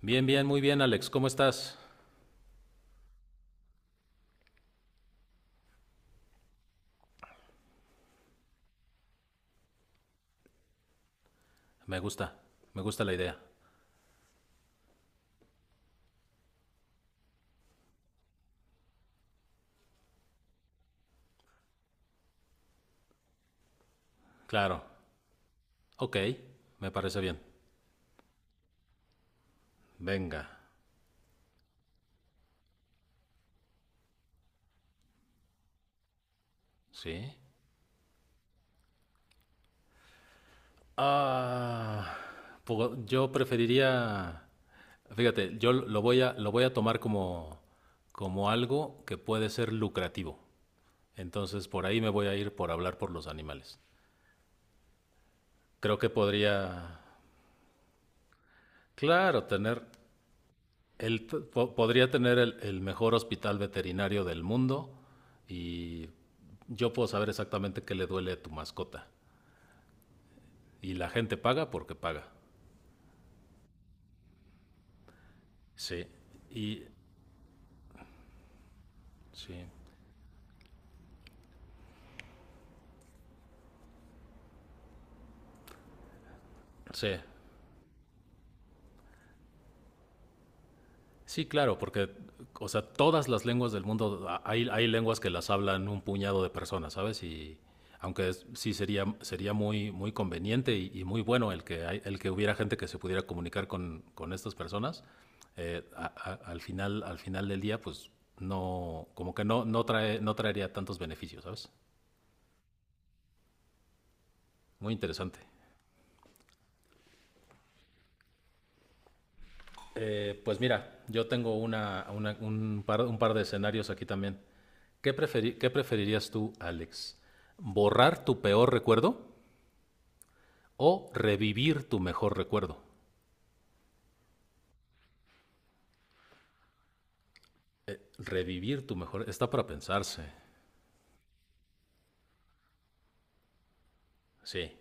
Bien, bien, muy bien, Alex. ¿Cómo estás? Me gusta, me gusta la idea. Claro. Ok, me parece bien. Venga. ¿Sí? Ah, yo preferiría. Fíjate, yo lo voy a tomar como algo que puede ser lucrativo. Entonces, por ahí me voy a ir por hablar por los animales. Creo que podría, claro, tener, Podría tener el mejor hospital veterinario del mundo y yo puedo saber exactamente qué le duele a tu mascota. Y la gente paga porque paga. Sí. Y sí. Sí. Sí, claro, porque, o sea, todas las lenguas del mundo, hay lenguas que las hablan un puñado de personas, ¿sabes? Y aunque sería muy, muy conveniente y muy bueno el que hubiera gente que se pudiera comunicar con estas personas, al final del día, pues no, como que no, no traería tantos beneficios, ¿sabes? Muy interesante. Pues mira, yo tengo un par de escenarios aquí también. ¿Qué preferirías tú, Alex? ¿Borrar tu peor recuerdo o revivir tu mejor recuerdo? Revivir tu mejor, está para pensarse. Sí.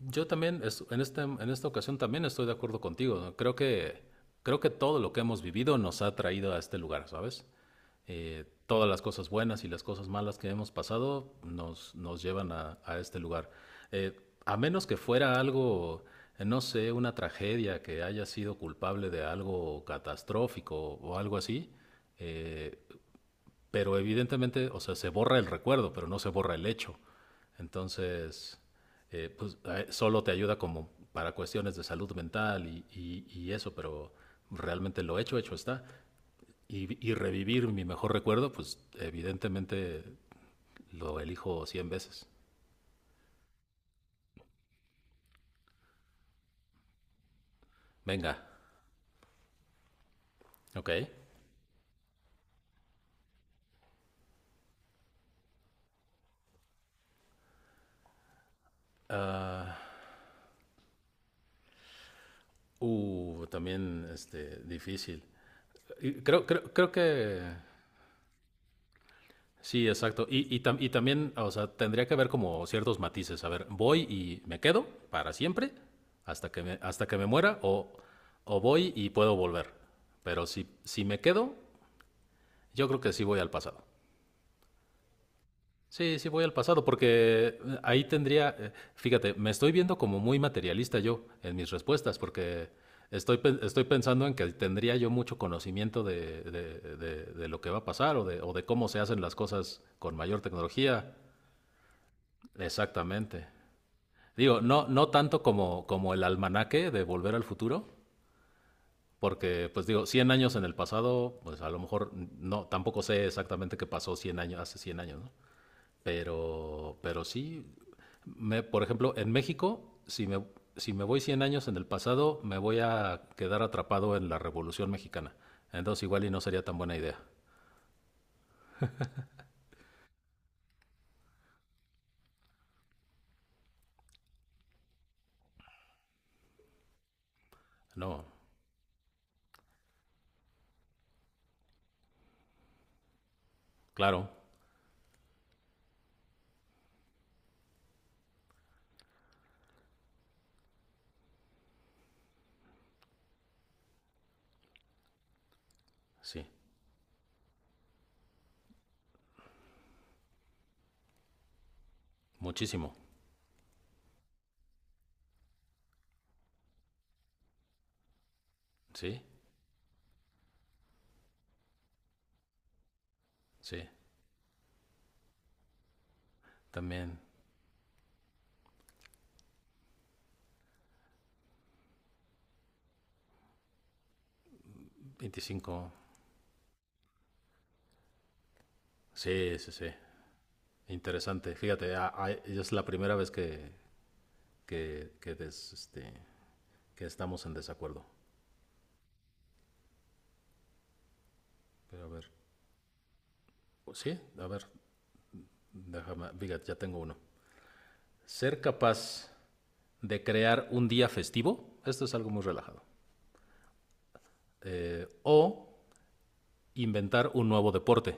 Yo también, en esta ocasión también estoy de acuerdo contigo, ¿no? Creo que todo lo que hemos vivido nos ha traído a este lugar, ¿sabes? Todas las cosas buenas y las cosas malas que hemos pasado nos llevan a este lugar. Eh, a menos que fuera algo, no sé, una tragedia que haya sido culpable de algo catastrófico o algo así, eh, pero evidentemente, o sea, se borra el recuerdo, pero no se borra el hecho. Entonces, pues solo te ayuda como para cuestiones de salud mental y eso, pero realmente lo hecho, hecho está. Y revivir mi mejor recuerdo, pues evidentemente lo elijo 100 veces. Venga, ok. Ah, también difícil. Y creo que sí, exacto. Y también, o sea, tendría que haber como ciertos matices. A ver, voy y me quedo para siempre hasta que me muera, o voy y puedo volver. Pero si me quedo, yo creo que sí voy al pasado. Sí, sí voy al pasado porque ahí tendría, fíjate, me estoy viendo como muy materialista yo en mis respuestas porque estoy pensando en que tendría yo mucho conocimiento de lo que va a pasar o de cómo se hacen las cosas con mayor tecnología. Exactamente. Digo, no, no tanto como el almanaque de Volver al Futuro, porque, pues digo, 100 años en el pasado, pues a lo mejor no, tampoco sé exactamente qué pasó 100 años, hace 100 años, ¿no? Pero sí, por ejemplo, en México, si me voy 100 años en el pasado, me voy a quedar atrapado en la Revolución Mexicana. Entonces igual y no sería tan buena idea. No, claro, sí, muchísimo, sí, sí, también 25. Sí, sí, sí. Interesante. Fíjate, es la primera vez que, que, que des- este, que estamos en desacuerdo. Pero a ver. Sí, a ver, déjame. Fíjate, ya tengo uno. Ser capaz de crear un día festivo, esto es algo muy relajado. O inventar un nuevo deporte.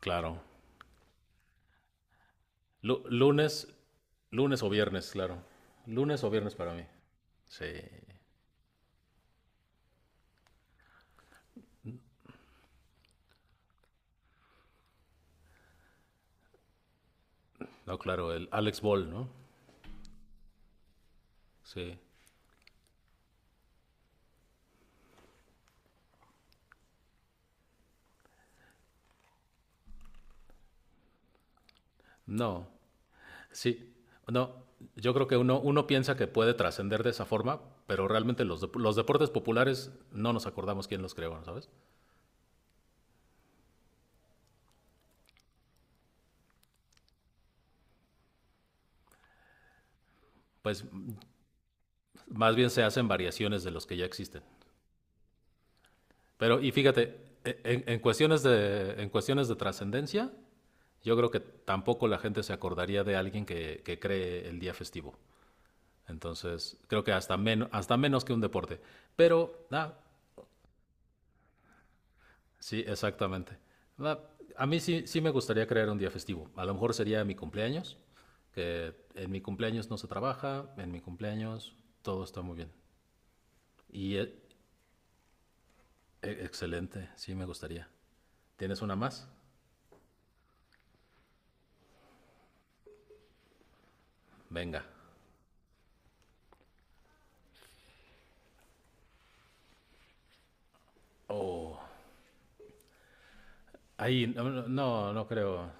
Claro. Lu- lunes, lunes o viernes, claro. Lunes o viernes para mí. Sí. No, claro, el Alex Ball, ¿no? Sí. No. Sí, no, yo creo que uno piensa que puede trascender de esa forma, pero realmente los deportes populares no nos acordamos quién los creó, ¿sabes? Pues más bien se hacen variaciones de los que ya existen. Pero, y fíjate, en cuestiones de trascendencia, yo creo que tampoco la gente se acordaría de alguien que cree el día festivo. Entonces, creo que hasta menos que un deporte. Pero, nada. Sí, exactamente. Va, a mí sí, sí me gustaría crear un día festivo. A lo mejor sería mi cumpleaños, que en mi cumpleaños no se trabaja, en mi cumpleaños todo está muy bien. Y eh, Excelente, sí me gustaría. ¿Tienes una más? Venga. Oh, ahí, no, no, no creo.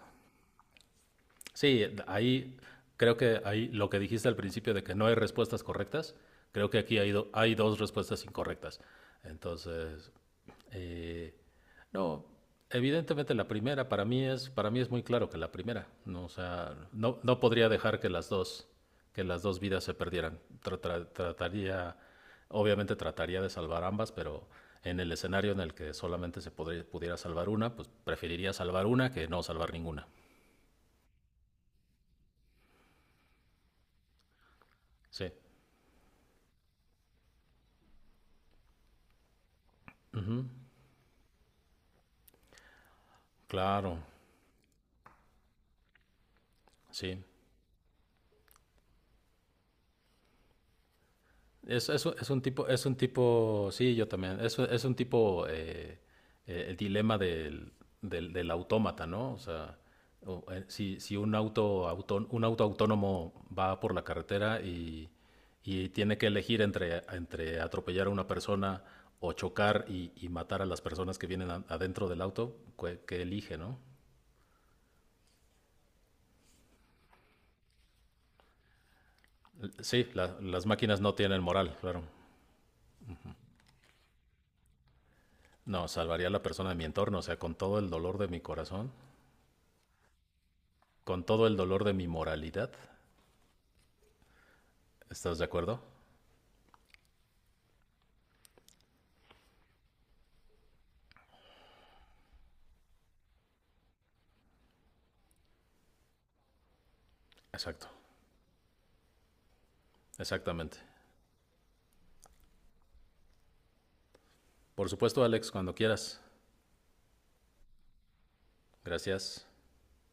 Sí, ahí creo que ahí lo que dijiste al principio de que no hay respuestas correctas, creo que aquí hay dos respuestas incorrectas. Entonces, eh, no, evidentemente la primera para mí es muy claro que la primera, no, o sea, no, no podría dejar que las dos vidas se perdieran. Tra- tra- trataría obviamente trataría de salvar ambas, pero en el escenario en el que solamente pudiera salvar una, pues preferiría salvar una que no salvar ninguna. Sí. Claro, sí. Es un tipo, sí, yo también. Es un tipo, el dilema del autómata, ¿no? O sea, si un auto autónomo va por la carretera y tiene que elegir entre atropellar a una persona o chocar y matar a las personas que vienen adentro del auto, ¿qué elige, ¿no? Sí, las máquinas no tienen moral, claro. No, salvaría a la persona de mi entorno, o sea, con todo el dolor de mi corazón, con todo el dolor de mi moralidad. ¿Estás de acuerdo? Exacto, exactamente. Por supuesto, Alex, cuando quieras. Gracias.